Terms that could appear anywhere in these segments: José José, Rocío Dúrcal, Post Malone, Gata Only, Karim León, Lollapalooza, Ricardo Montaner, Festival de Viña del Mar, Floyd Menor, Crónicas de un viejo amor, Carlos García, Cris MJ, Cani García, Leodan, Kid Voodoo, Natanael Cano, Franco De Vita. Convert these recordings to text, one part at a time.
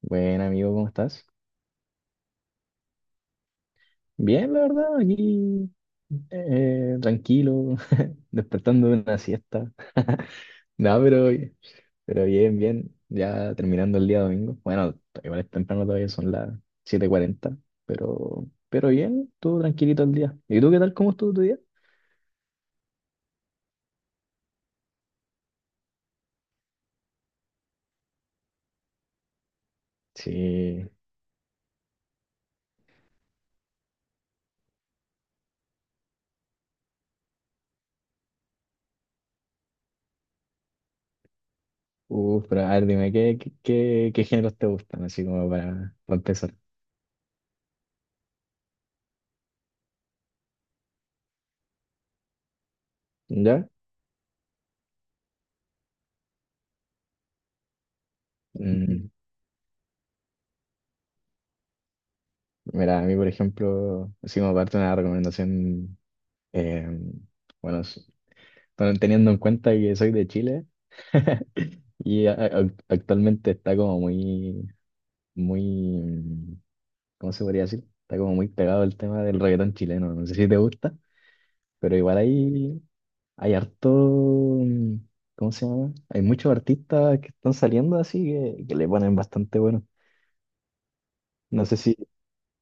Buen amigo, ¿cómo estás? Bien, la verdad, aquí tranquilo, despertando de una siesta. No, pero bien, bien, ya terminando el día domingo. Bueno, igual es temprano todavía, son las 7:40 pero bien, todo tranquilito el día. ¿Y tú qué tal? ¿Cómo estuvo tu día? Sí, uff, pero a ver, dime, ¿qué géneros te gustan? Así como para empezar. ¿Ya? Mm, mira, a mí, por ejemplo, así como parte de una recomendación, eh, bueno, pero teniendo en cuenta que soy de Chile y actualmente está como muy, muy, ¿cómo se podría decir? Está como muy pegado el tema del reggaetón chileno. No sé si te gusta, pero igual hay harto, ¿cómo se llama? Hay muchos artistas que están saliendo así que le ponen bastante bueno. No sé si,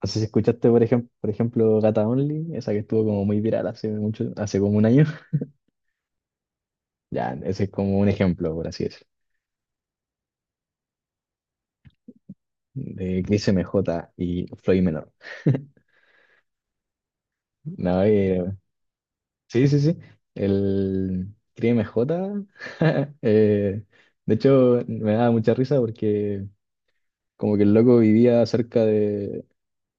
no sé si escuchaste, por ejemplo, Gata Only, esa que estuvo como muy viral hace mucho, hace como un año. Ya, ese es como un ejemplo, por así decirlo, de Cris MJ y Floyd Menor. No, sí, sí, sí. El Crime J. eh, de hecho, me daba mucha risa porque como que el loco vivía cerca de,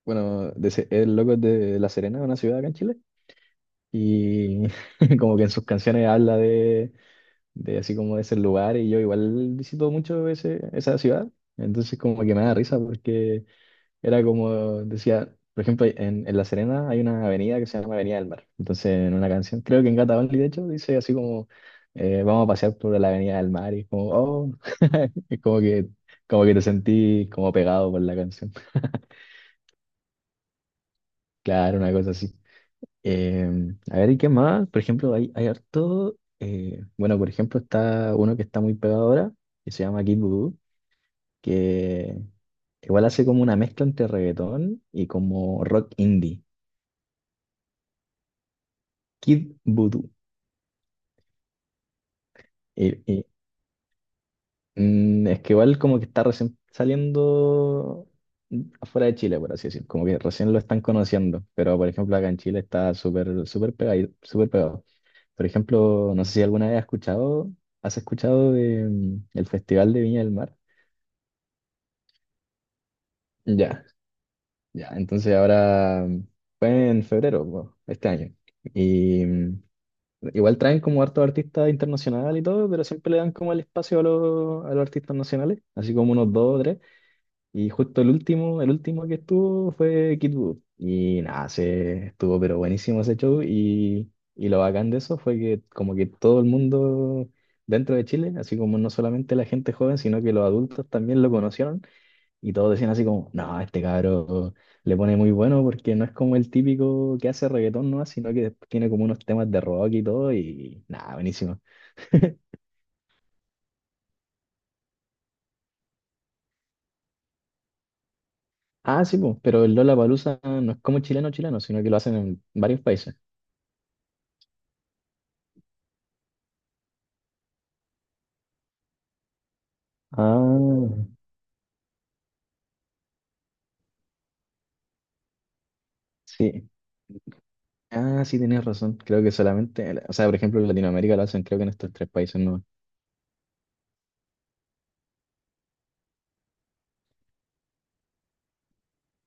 bueno, de, el loco es de La Serena, una ciudad acá en Chile, y como que en sus canciones habla de así como de ese lugar, y yo igual visito mucho ese, esa ciudad, entonces como que me da risa porque... Era como decía, por ejemplo, en La Serena hay una avenida que se llama Avenida del Mar. Entonces, en una canción, creo que en Gata Only, de hecho, dice así como, vamos a pasear por la Avenida del Mar. Y es como, oh, es como que te sentí como pegado por la canción. Claro, una cosa así. Eh, a ver, ¿y qué más? Por ejemplo, hay harto, bueno, por ejemplo, está uno que está muy pegado ahora, que se llama Kid Voodoo, que igual hace como una mezcla entre reggaetón y como rock indie. Kid Voodoo. Eh, eh, es que igual como que está recién saliendo afuera de Chile, por así decir. Como que recién lo están conociendo. Pero por ejemplo acá en Chile está súper súper pegado, súper pegado. Por ejemplo, no sé si alguna vez has escuchado de, el Festival de Viña del Mar. Ya, ya. Entonces ahora fue en febrero, po, este año. Y igual traen como hartos artistas internacionales y todo, pero siempre le dan como el espacio a los artistas nacionales, así como unos dos o tres. Y justo el último que estuvo fue Kid Voodoo. Y nada, se estuvo pero buenísimo ese show. Y lo bacán de eso fue que como que todo el mundo dentro de Chile, así como no solamente la gente joven, sino que los adultos también lo conocieron. Y todos decían así como, no, este cabrón le pone muy bueno porque no es como el típico que hace reggaetón, ¿no? Sino que después tiene como unos temas de rock y todo y nada, buenísimo. Ah, sí, pues, pero el Lollapalooza no es como chileno chileno, sino que lo hacen en varios países. Ah, sí. Ah, sí, tenías razón. Creo que solamente, o sea, por ejemplo, en Latinoamérica lo hacen creo que en estos tres países, no.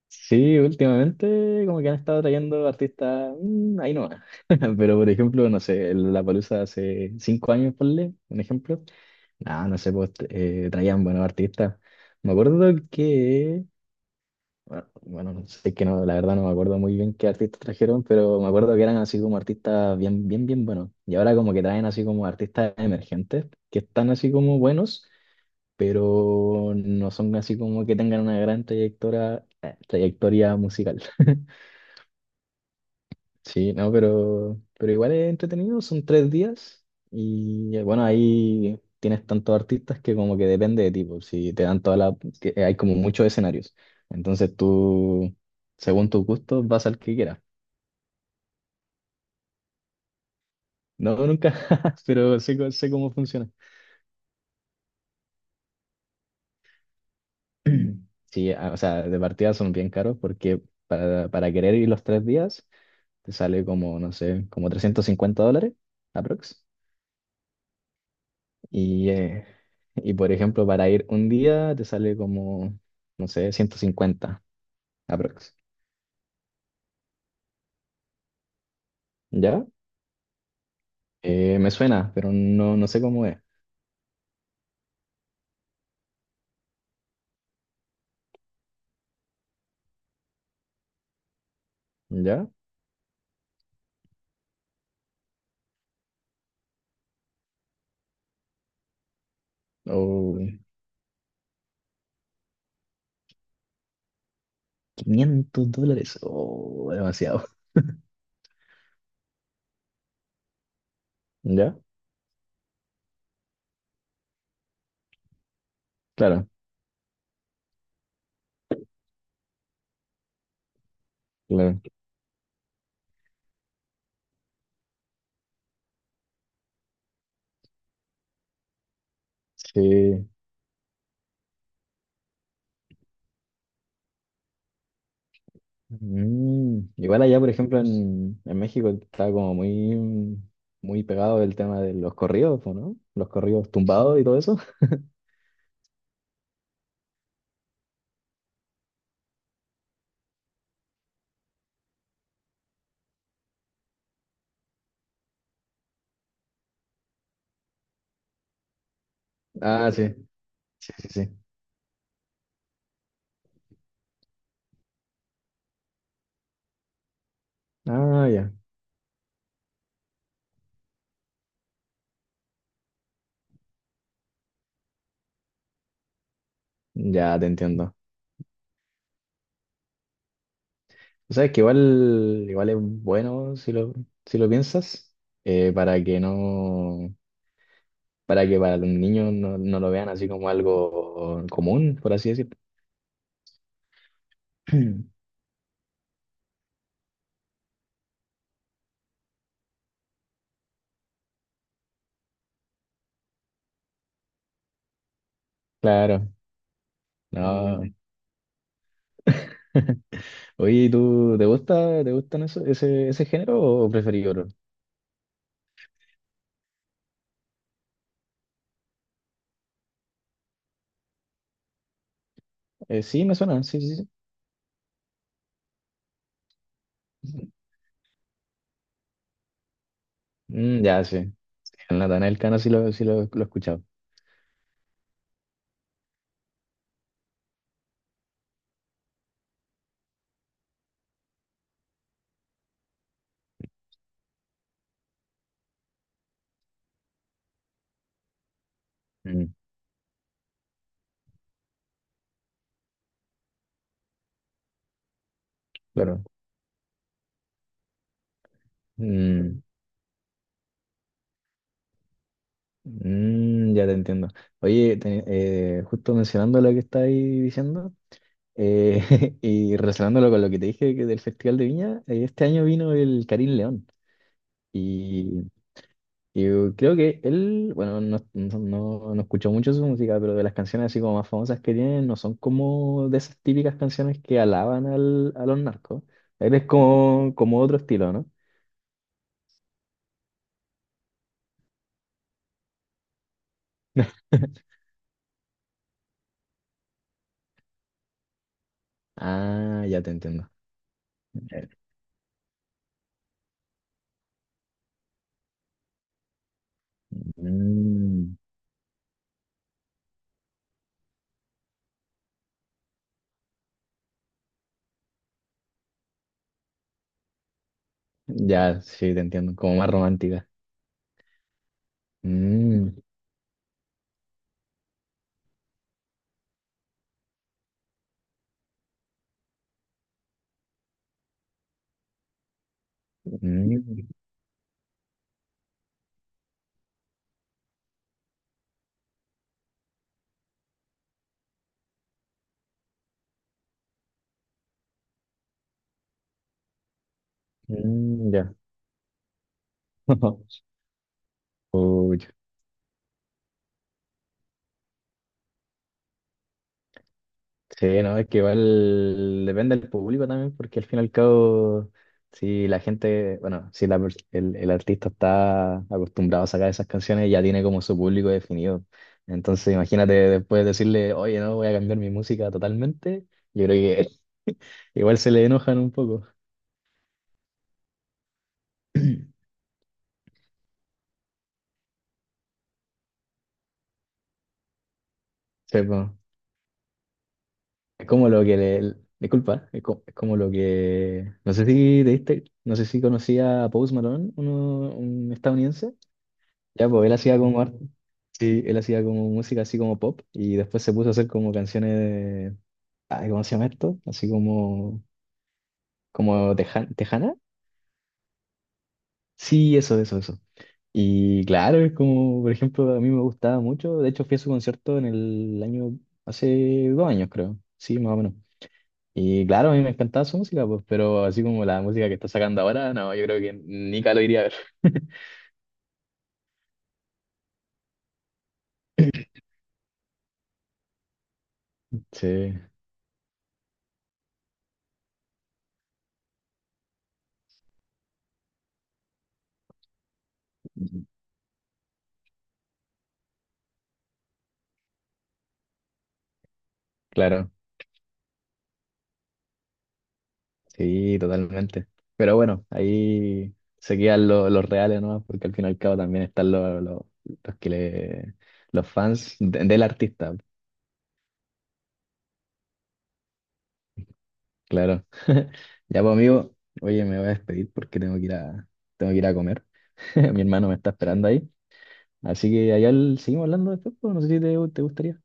Sí, últimamente como que han estado trayendo artistas, ahí no. Pero por ejemplo, no sé, el Lollapalooza hace 5 años, ponle, un ejemplo, ah, no sé, pues traían buenos artistas. Me acuerdo que, bueno, bueno, no sé, es que no, la verdad no me acuerdo muy bien qué artistas trajeron, pero me acuerdo que eran así como artistas bien, bien, bien buenos. Y ahora como que traen así como artistas emergentes, que están así como buenos, pero no son así como que tengan una gran trayectoria musical. Sí, no, pero igual es entretenido, son 3 días y bueno, ahí tienes tantos artistas que como que depende de ti, pues, si te dan toda la... Que hay como muchos escenarios, entonces tú, según tus gustos, vas al que quieras. No, nunca, pero sé, sé cómo funciona. Sí, ah, o sea, de partida son bien caros porque para querer ir los 3 días te sale como, no sé, como 350 dólares, aprox. Y, eh, y por ejemplo, para ir un día te sale como, no sé, 150, aprox. ¿Ya? Me suena, pero no, no sé cómo es. ¿Ya? O 500 dólares, o demasiado. ¿Ya? Claro, claro. Sí. Igual allá, por ejemplo, en México está como muy, muy pegado el tema de los corridos, po, ¿no? Los corridos tumbados y todo eso. Ah, sí. Sí, sí, sí. Ah, ya. Ya te entiendo. O sea, es que igual, igual es bueno si lo, si lo piensas, para que no, para que para los niños no, no lo vean así como algo común, por así decirlo. Claro, no. Oye, ¿y tú te gusta, te gustan eso, ese género o preferís otro? Sí, me suena, sí, sí, sí. Mm, ya, sí. En la Natanael Cano sí lo he escuchado. Mm, claro. Mm, mm, ya te entiendo. Oye, justo mencionando lo que estáis diciendo. Y relacionándolo con lo que te dije que del Festival de Viña, este año vino el Karim León y, y creo que él, bueno, no escucho mucho su música, pero de las canciones así como más famosas que tiene, no son como de esas típicas canciones que alaban al, a los narcos. Él es como otro estilo, ¿no? Ah, ya te entiendo. Eh, mm, ya, sí, te entiendo, como más romántica. Mm, mm, mm, ya. Pucha, sí, no, es que igual depende del público también, porque al fin y al cabo, si la gente, bueno, si el artista está acostumbrado a sacar esas canciones, ya tiene como su público definido. Entonces, imagínate después decirle, oye, no, voy a cambiar mi música totalmente, yo creo que igual se le enojan un poco. Sí, pues, es como lo que le... Disculpa, es como, lo que... No sé si te diste, no sé si conocía a Post Malone, uno, un estadounidense. Ya, pues él hacía sí, él hacía como música así como pop, y después se puso a hacer como canciones de, ay, ¿cómo se llama esto? Así como, tejana. Sí, eso, eso, eso. Y claro, es como, por ejemplo, a mí me gustaba mucho. De hecho, fui a su concierto en el año, hace 2 años, creo. Sí, más o menos. Y claro, a mí me encantaba su música, pues, pero así como la música que está sacando ahora, no, yo creo que nunca lo iría a ver. Sí, claro. Sí, totalmente. Pero bueno, ahí se quedan los reales, ¿no? Porque al fin y al cabo también están los que le, los fans del artista, claro. Ya pues amigo, oye, me voy a despedir porque tengo que ir a comer. Mi hermano me está esperando ahí. Así que allá seguimos hablando después, pues, no sé si te gustaría.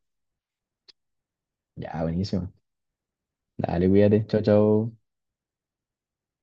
Ya, buenísimo. Dale, cuídate. Chao, chao.